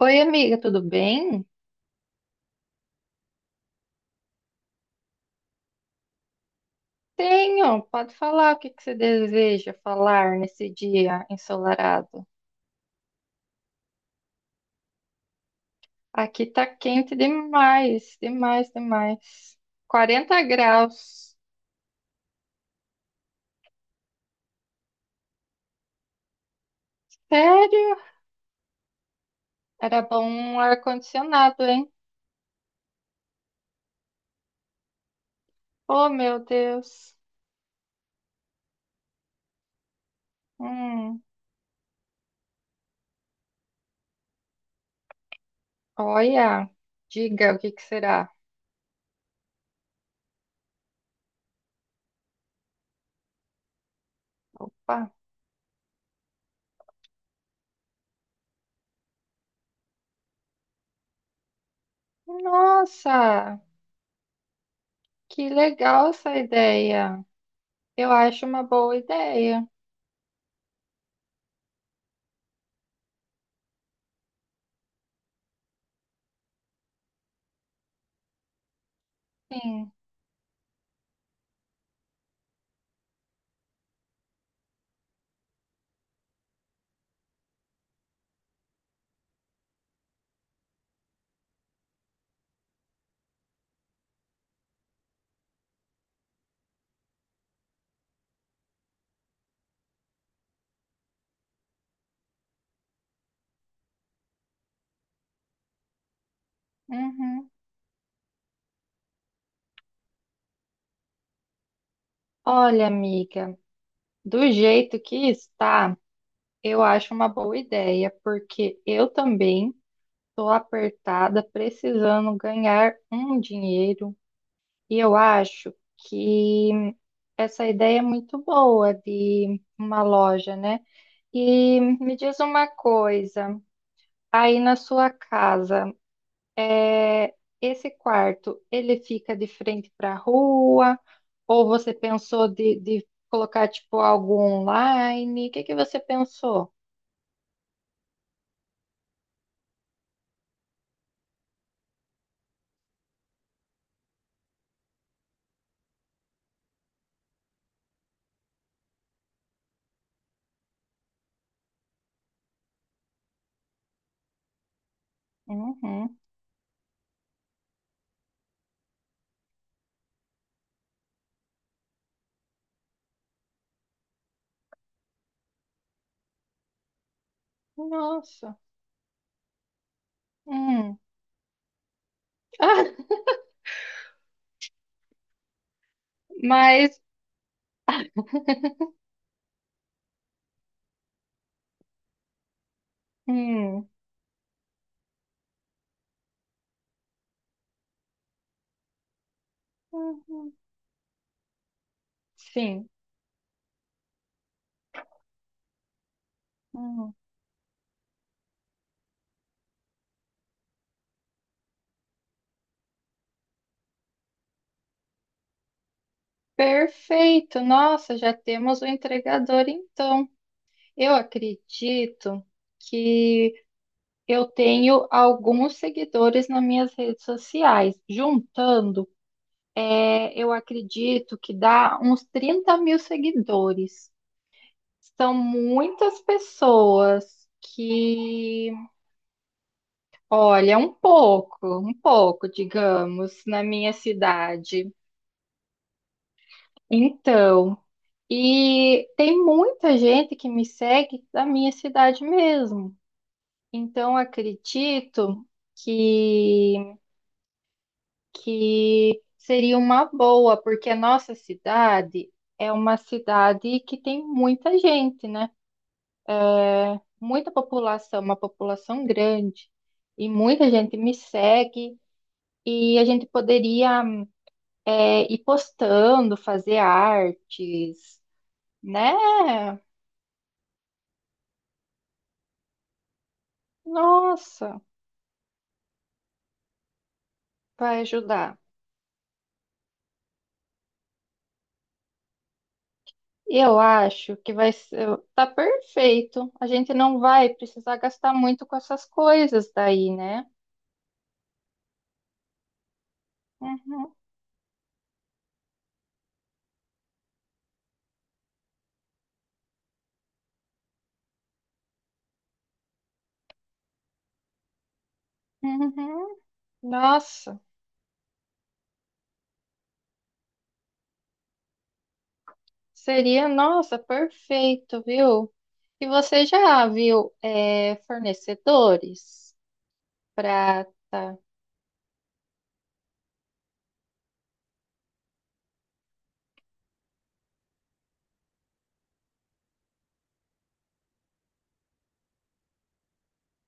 Oi, amiga, tudo bem? Tenho, pode falar o que que você deseja falar nesse dia ensolarado. Aqui tá quente demais, demais, demais. 40 graus. Sério? Era bom um ar-condicionado, hein? Oh, meu Deus. Hum, Olha, diga o que que será. Pá. Nossa, que legal essa ideia. Eu acho uma boa ideia. Sim. Uhum. Olha, amiga. Do jeito que está, eu acho uma boa ideia, porque eu também estou apertada, precisando ganhar um dinheiro, e eu acho que essa ideia é muito boa de uma loja, né? E me diz uma coisa, aí na sua casa. É, esse quarto, ele fica de frente para a rua? Ou você pensou de colocar tipo algo online? O que que você pensou? Uhum. Nossa. Hum. Ah, mas. Hum, uhum. Sim. Hum. Perfeito. Nossa, já temos o entregador então. Eu acredito que eu tenho alguns seguidores nas minhas redes sociais. Juntando. É, eu acredito que dá uns 30 mil seguidores. São muitas pessoas que, olha, um pouco, digamos, na minha cidade. Então, e tem muita gente que me segue da minha cidade mesmo. Então, acredito que, que seria uma boa, porque a nossa cidade é uma cidade que tem muita gente, né? Muita população, uma população grande, e muita gente me segue, e a gente poderia ir postando, fazer artes, né? Nossa, vai ajudar. Eu acho que vai ser, tá perfeito. A gente não vai precisar gastar muito com essas coisas daí, né? Uhum, uhum. Nossa. Seria, nossa, perfeito, viu? E você já viu fornecedores? Prata.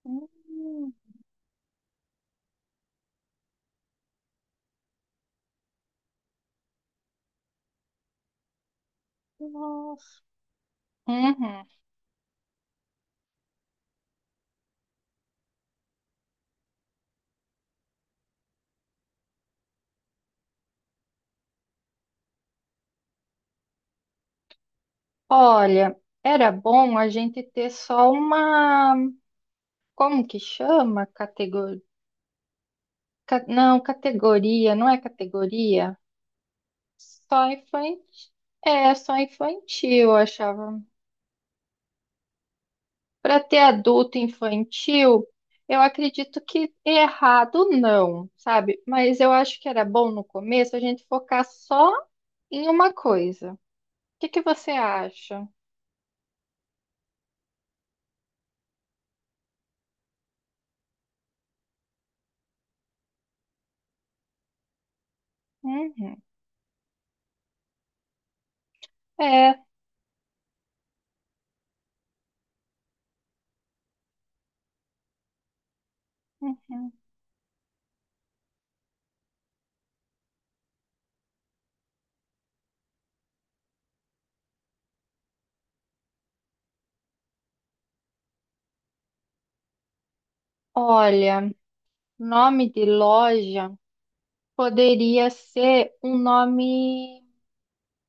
Hum, nossa. Uhum. Olha, era bom a gente ter só uma. Como que chama? Categoria. Não, categoria, não é categoria. Só infantil. É, só infantil, eu achava. Para ter adulto infantil, eu acredito que errado não, sabe? Mas eu acho que era bom no começo a gente focar só em uma coisa. O que que você acha? Uhum. É. Uhum. Olha, nome de loja poderia ser um nome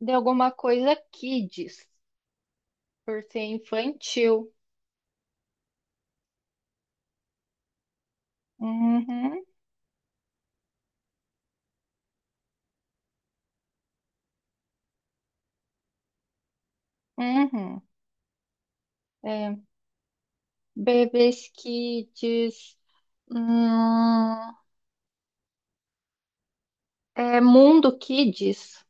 de alguma coisa kids, por ser infantil. Uhum, uhum. É, Bebês kids. Hum, É Mundo Kids.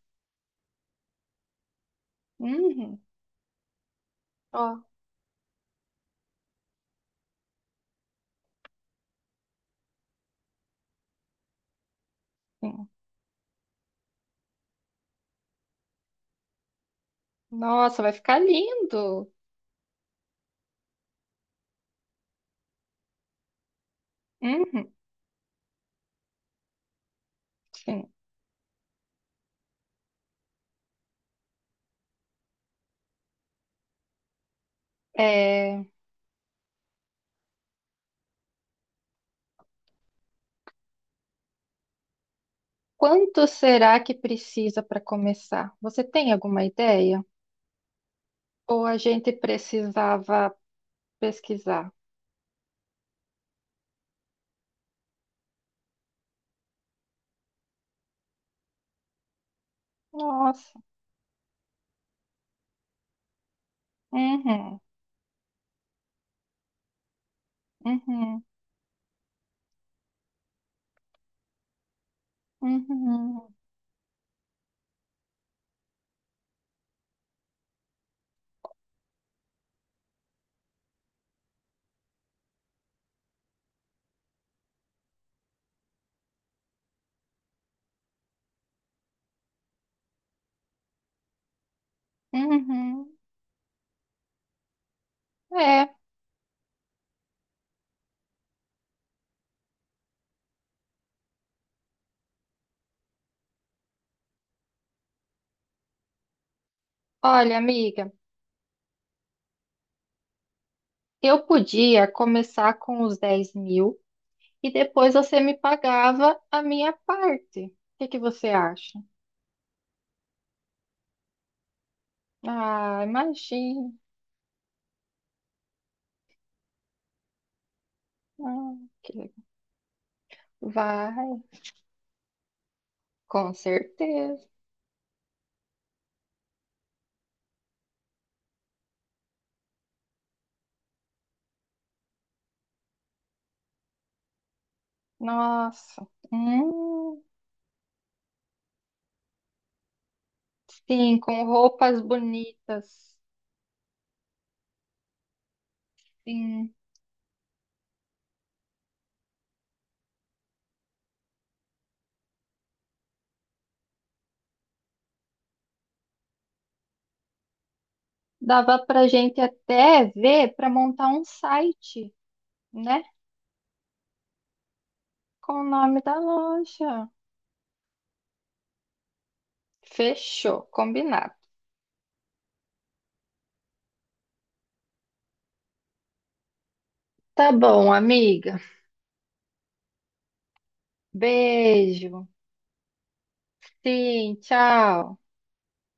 Uhum. Ó, Sim. Nossa, vai ficar lindo. Uhum. Sim. É, quanto será que precisa para começar? Você tem alguma ideia? Ou a gente precisava pesquisar? Nossa. Uhum. Uhum. Uhum. Uhum. É, olha, amiga, eu podia começar com os 10 mil e depois você me pagava a minha parte. O que que você acha? Ah, imagina. Ah, que legal. Vai, com certeza. Nossa. Hum, sim, com roupas bonitas. Sim. Dava pra gente até ver para montar um site, né? Com o nome da loja. Fechou, combinado. Tá bom, amiga. Beijo. Sim, tchau.